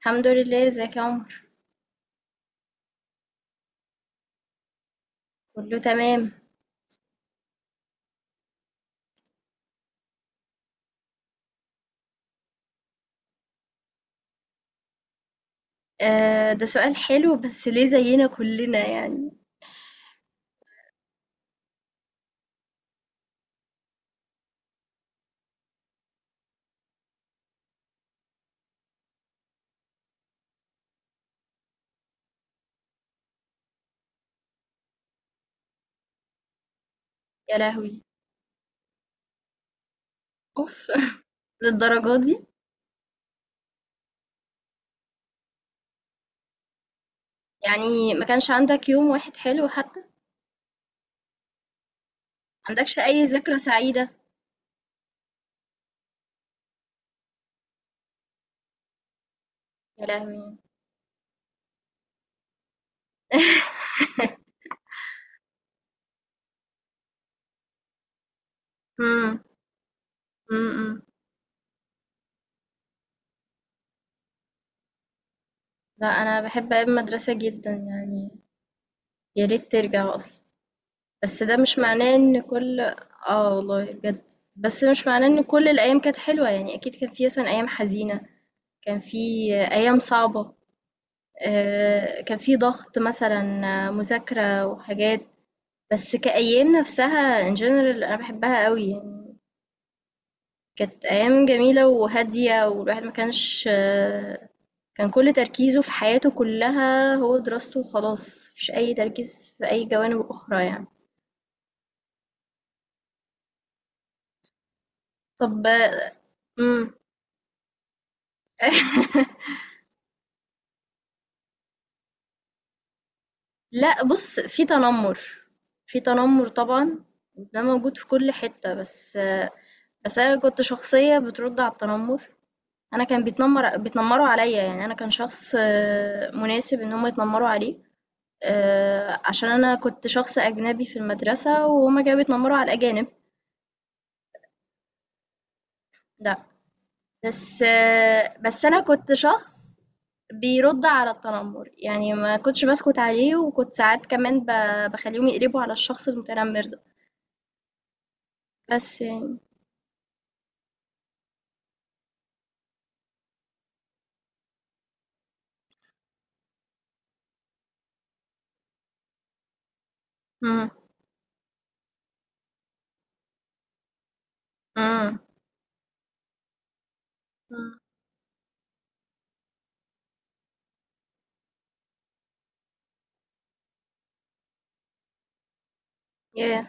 الحمد لله. ازيك يا عمر؟ كله تمام. آه، ده سؤال حلو، بس ليه زينا كلنا يعني؟ يا لهوي. اوف. للدرجة دي؟ يعني ما كانش عندك يوم واحد حلو حتى؟ ما عندكش اي ذكرى سعيدة؟ يا لهوي. امم. امم. لا، انا بحب ايام المدرسة جدا يعني. يا ريت ترجع اصلا. بس ده مش معناه ان كل. اه والله بجد، بس مش معناه ان كل الايام كانت حلوة يعني، اكيد كان في مثلا ايام حزينة. كان في ايام صعبة. كان في ضغط مثلا. مذاكرة وحاجات. بس كأيام نفسها in general أنا بحبها قوي يعني. كانت أيام جميلة وهادية، والواحد ما كانش. كان كل تركيزه في حياته كلها هو دراسته، وخلاص مفيش أي تركيز في أي جوانب أخرى يعني. طب. مم. لا، بص، في تنمر. في تنمر طبعا. ده موجود في كل حتة، بس. بس أنا كنت شخصية بترد على التنمر. أنا كان بيتنمروا عليّا، يعني أنا كان شخص مناسب إن هم يتنمروا عليه. عشان أنا كنت شخص أجنبي في المدرسة، وهُم كانوا بيتنمروا على الأجانب. لأ. بس أنا كنت شخص بيرُد على التنمر، يعني ما كنتش باسكت عليه، وكنت ساعات كمان باخلّيهم يقلبوا على الشخص المتنمر ده. بس يعني. إمم. إمم. إمم. ياه!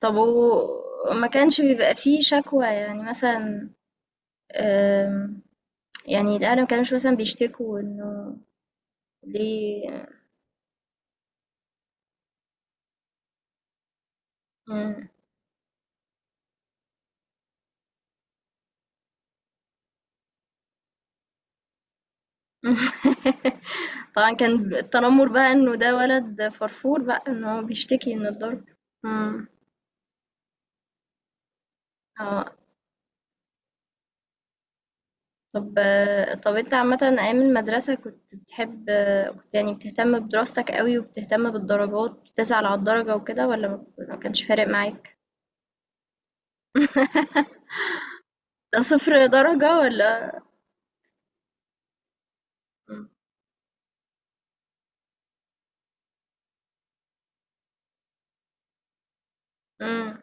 طب. ما كانش بيبقى في شكوى يعني، مثلًا. آمم. يعني الأهل ما كانوش مثلا بيشتكوا إنه ليه. مم. طبعا، كان التنمر بقى إنه ده ولد فرفور، بقى إن هو بيشتكي من الضرب. مم. اه. طب طب، انت عامة أيام المدرسة كنت بتحب؟ كنت يعني بتهتم بدراستك قوي، وبتهتم بالدرجات، بتسعى على الدرجة وكده، ولا ما كانش فارق معاك؟ ده صفر درجة ولا؟ امم.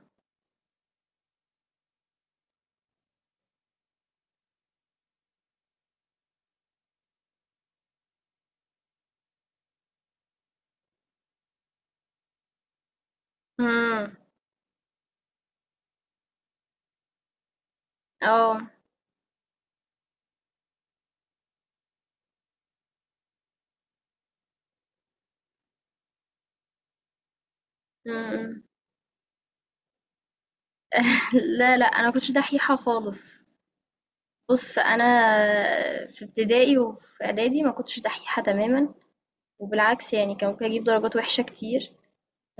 امم. اه. مم. لا لا، انا كنتش دحيحة خالص. بُص، أنا في ابتدائي وفي إعدادي ما كنتش دحيحة تمامًا، وبالعكس يعني، كان ممكن أجيب درجات وِحشة كتير.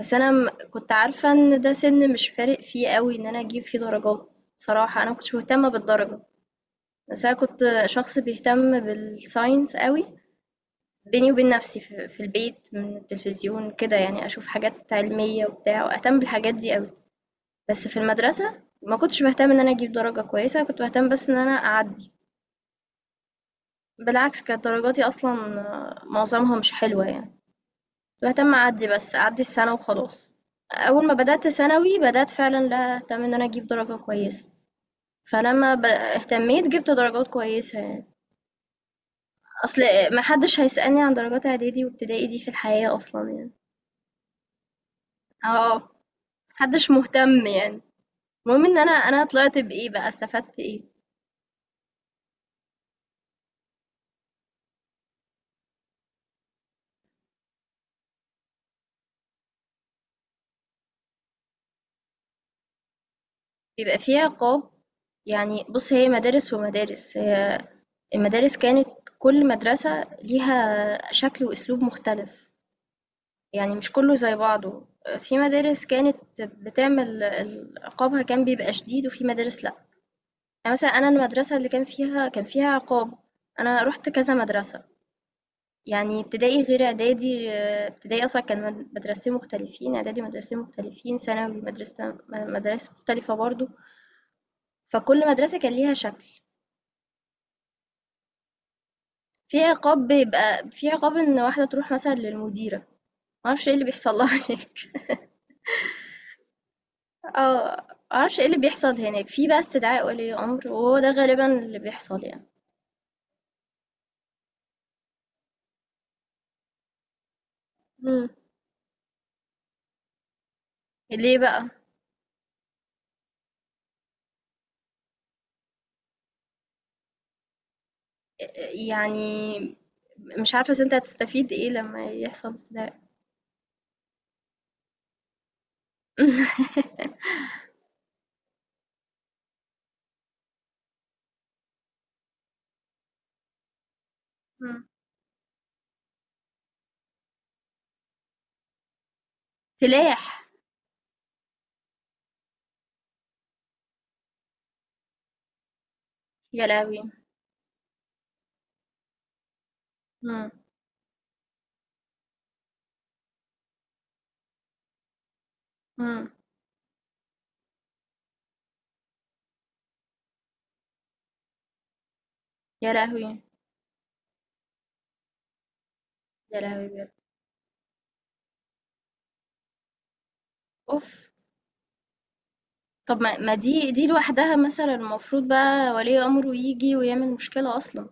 بس أنا م كنت عارفة إن ده سِن مش فارق فيه أوي إن أنا أجيب فيه درجات. بصراحة، أنا ما كنتش مهتمة بالدرجة. بس أنا كنت شخص بيهتم بالscience أوي، بيني وبين نفسي، في البيت، من التلفزيون كده يعني، أشوف حاجات علمية وبتاع، وأهتم بالحاجات دي أوي. بس في المدرسة ما كنتش باهتم إن أنا أجيب درجة كويسة، كنت باهتم بس إن أنا أعدّي. بالعكس، كانت درجاتي أصلا، معظمها مش حلوة يعني. كنت بهتم أعدي، بس أعدي السنة وخلاص. أول ما بدأت ثانوي، بدأت فعلا لا أهتم إن أنا أجيب درجة كويسة. فلما اهتميت، جبت درجات كويسة يعني. أصل محدش هيسألني عن درجات إعدادي وابتدائي دي في الحياة أصلا يعني. اه. محدش مهتم يعني. المهم إن أنا طلعت بإيه بقى، استفدت إيه. بيبقى فيها قاب. يعني بُص، هي مدارس ومدارس. هي المدارس كانت، كل مدرسة ليها شكل وأسلوب مختلف. يعني مش كله زي بعضه. في مدارس كانت بتعمل عقابها كان بيبقى شديد، وفي مدارس لأ. يعني مثلًا، أنا المدرسة اللي كان فيها عقاب. أنا رُحت كذا مدرسة، يعني ابتدائي غير إعدادي. ابتدائي أصلًا كان مدرستين مختلفين، إعدادي مدرستين مختلفين، ثانوي مدرسة م مدارس مختلفة برضه. فكل مدرسة كان ليها شكل. في عقاب، بيبقى في عقاب إن واحدة تروح مثلًا للمديرة. ما أعرفش إيه اللي بيحصل لها هناك. آه، ما أعرفش إيه اللي بيحصل هناك، في بقى استدعاء ولي أمر، وهو ده غالبًا اللي بيحصل يعني. إمم. ليه بقى؟ يعني، مش عارفة أصل أنت هتستفيد إيه لمّا يحصل استدعاء. إمم. سلاح! يا لهوي! إمم. إمم. يا لهوي! يا لهوي بجد. أوف! طب، ما دي لوحدها مثلًا، المفروض بقى ولي أمره ييجي ويعمل مشكلة أصلًا.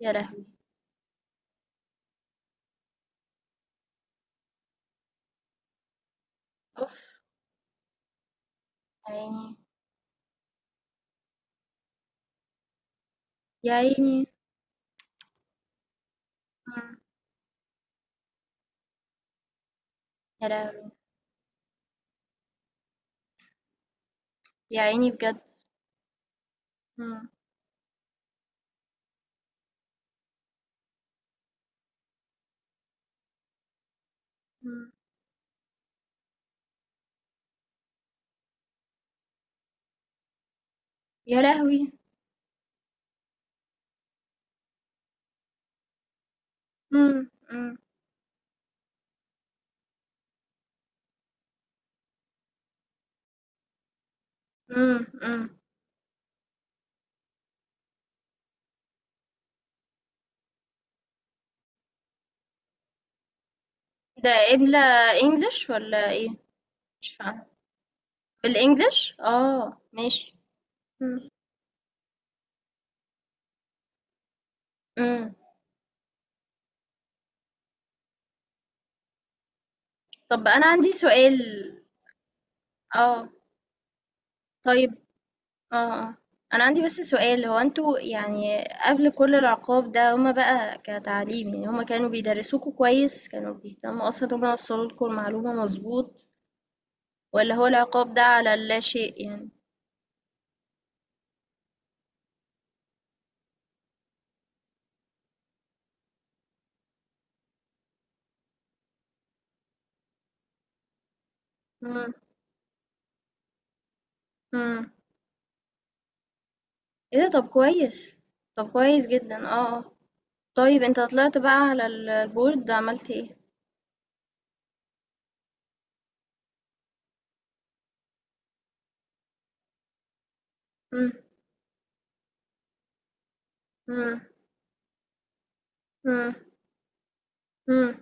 يا لهوي! أوف! يا عيني. يا عيني. إمم. يا لهوي. يا عيني بجد. إمم. إمم. يا لهوي! إمم. إمم. إمم. إمم. ده قبلة English والّا إيه؟ مش فاهمة. بالEnglish؟ آه، ماشي. إمم. إمم. طب أنا عندي سؤال. آه، طيب، آه، آه، أنا عندي بس سؤال. هو أنتم يعني قبل كل العقاب ده، هُم بقى كتعليم يعني، هُم كانوا بيدرسوكوا كويس؟ كانوا بيهتموا أصلًا إن هُم يوصلوا لكم المعلومة مضبوط؟ والّا هو العقاب ده على اللاشيء يعني؟ إمم. إمم. إيه ده! طب كويس. طب كويس جدًا. طيب أنت طلعت بقى على ال الboard، عملت إيه؟ إمم. إمم. إمم. إمم.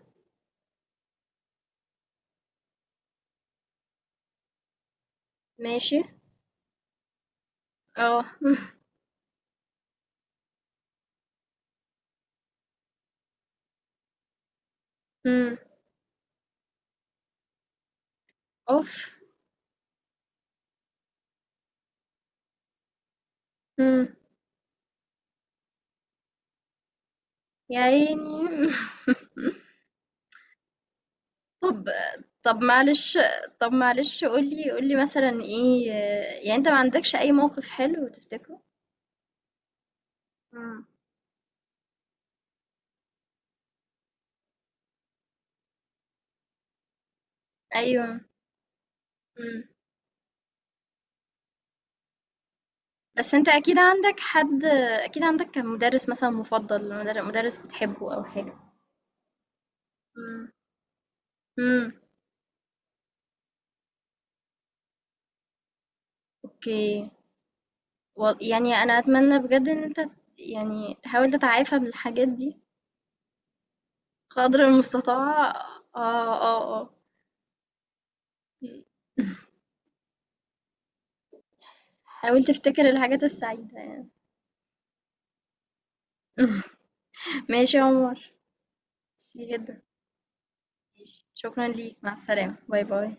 ماشي. آه، إمم. أوف! إمم. يا عيني. طب طب معلش طب معلش، قُل لي مثلًا إيه، يعني أنت ما عندكش أي موقف حلو تفتكره؟ إمم. أيوه. إمم. بس أنت أكيد عندك حد. أكيد عندك كان مدرس مثلًا مفضل، مدرس بتحبه أو حاجة. إمم. إمم. أوكي. و يعني أنا أتمنى بجد إن أنت يعني تحاول تتعافى من الحاجات دي قدر المستطاع. آه. آه. آه. إمم. حاول تفتكر الحاجات السعيدة يعني. ماشي يا عمر. ميرسي جدًا. شكرًا ليك. مع السلامة. باي، باي.